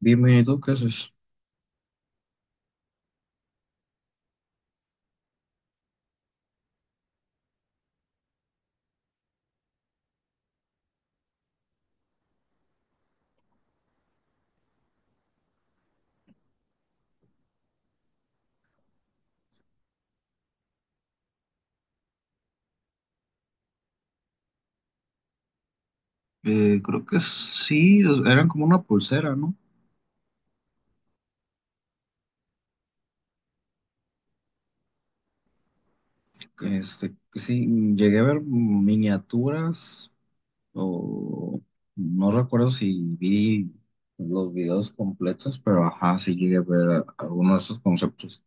Dime, ¿tú qué haces? Creo que sí, eran como una pulsera, ¿no? Sí, llegué a ver miniaturas o no recuerdo si vi los videos completos, pero ajá, sí llegué a ver algunos de esos conceptos.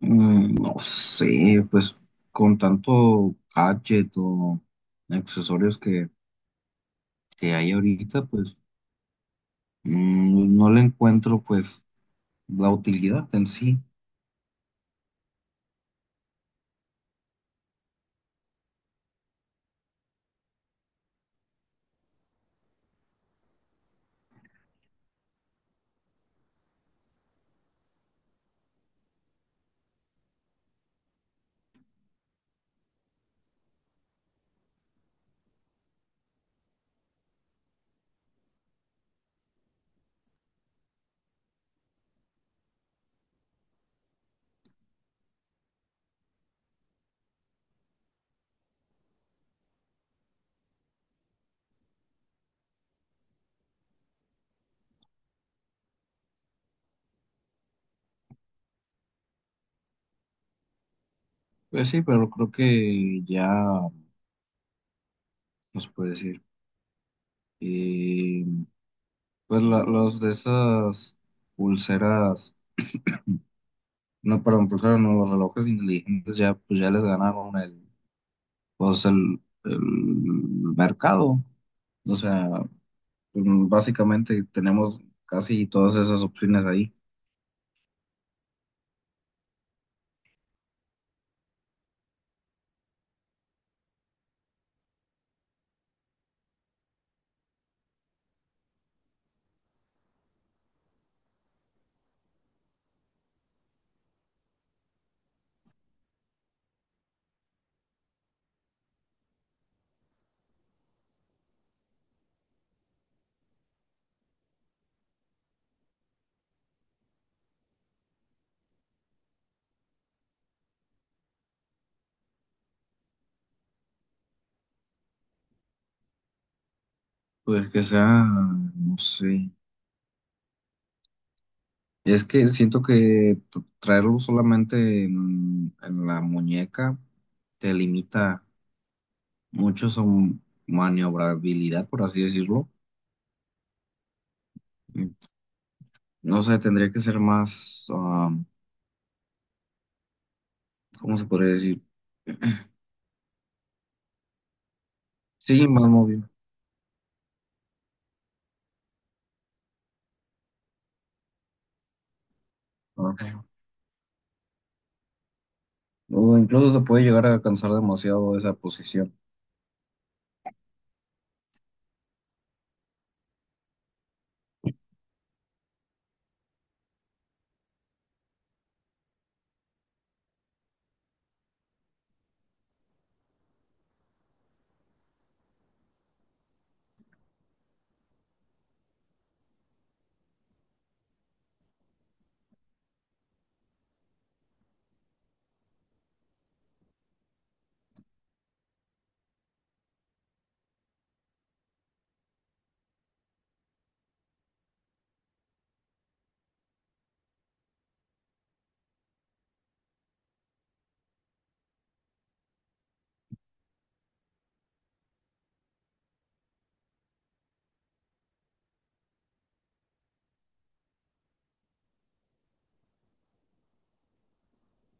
No sé, pues con tanto gadget o accesorios que hay ahorita, pues no le encuentro pues la utilidad en sí. Pues sí, pero creo que ya, no se puede decir. Y pues los de esas pulseras, no, perdón, pulseras, no, los relojes inteligentes ya, pues ya les ganaron pues el mercado. O sea, pues, básicamente tenemos casi todas esas opciones ahí. Pues que sea, no sé. Es que siento que traerlo solamente en la muñeca te limita. Muchos son maniobrabilidad, por así decirlo. Mm, No sé, tendría que ser más, ¿cómo se podría decir? Sí, más móvil. Ah. O incluso se puede llegar a cansar demasiado esa posición.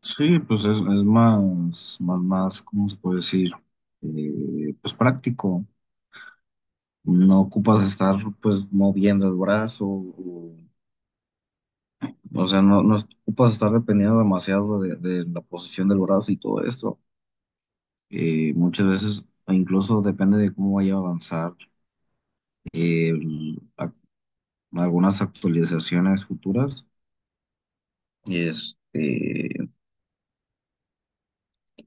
Sí, pues es más, más, más, ¿cómo se puede decir? Pues práctico. No ocupas estar pues moviendo el brazo, o sea, no, no ocupas estar dependiendo demasiado de la posición del brazo y todo esto. Muchas veces, o incluso depende de cómo vaya a avanzar eh, el- ac- algunas actualizaciones futuras, este,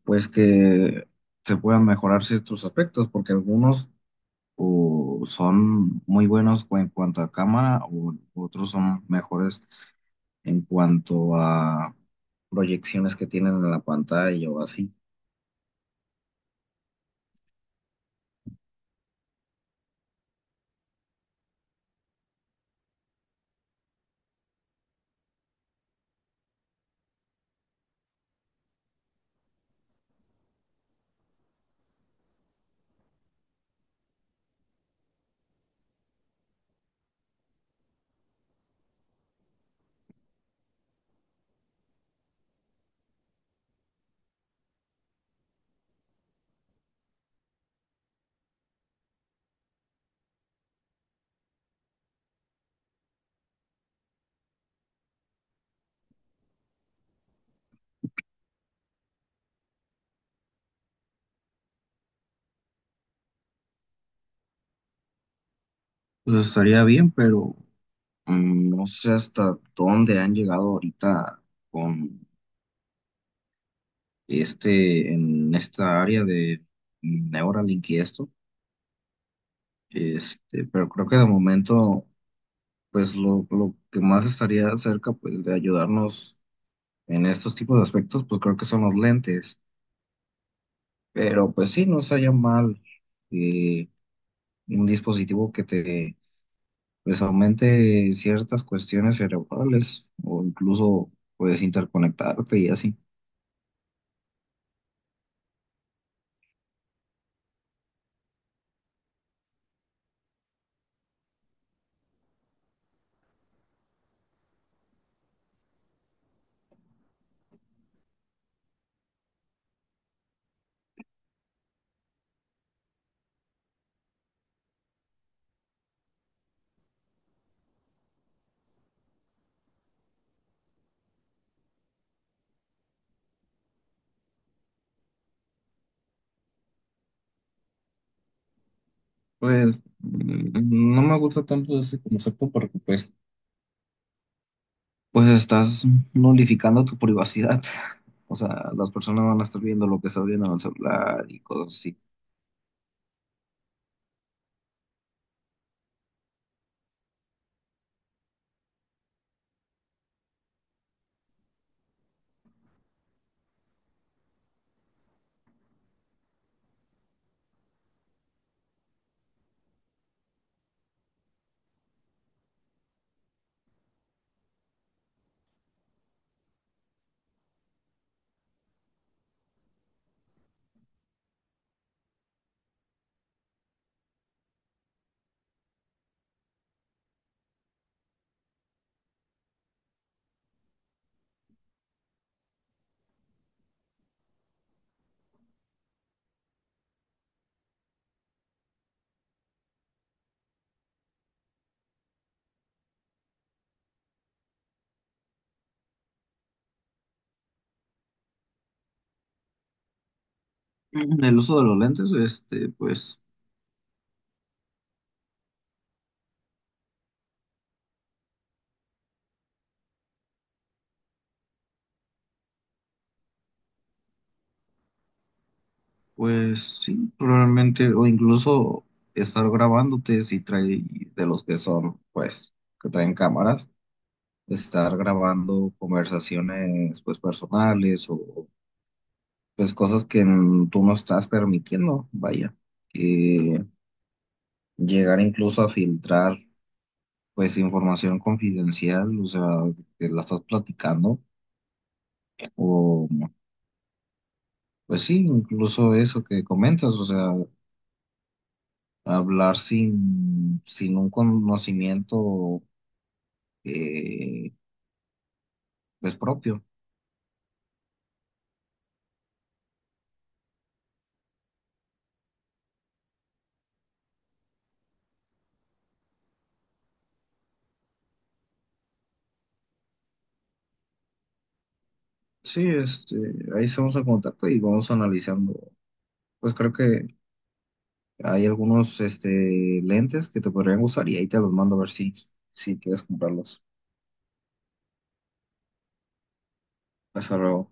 pues que se puedan mejorar ciertos aspectos, porque algunos o son muy buenos en cuanto a cámara, o otros son mejores en cuanto a proyecciones que tienen en la pantalla o así. Pues estaría bien, pero no sé hasta dónde han llegado ahorita con en esta área de Neuralink y esto, pero creo que de momento, pues lo que más estaría cerca, pues, de ayudarnos en estos tipos de aspectos, pues creo que son los lentes, pero pues sí, no sería mal eh, un dispositivo que te, pues, aumente ciertas cuestiones cerebrales o incluso, puedes interconectarte y así. Pues no me gusta tanto ese concepto porque pues Pues estás nulificando tu privacidad. O sea, las personas van a estar viendo lo que estás viendo en el celular y cosas así. El uso de los lentes, este, pues, pues sí, probablemente, o incluso estar grabándote si trae de los que son, pues, que traen cámaras, estar grabando conversaciones, pues, personales o, pues, cosas que tú no estás permitiendo, vaya, que llegar incluso a filtrar pues información confidencial, o sea, que la estás platicando, o pues sí, incluso eso que comentas, o sea, hablar sin un conocimiento eh, pues propio. Sí, ahí estamos en contacto y vamos analizando. Pues creo que hay algunos lentes que te podrían gustar y ahí te los mando a ver si, si quieres comprarlos. Hasta luego.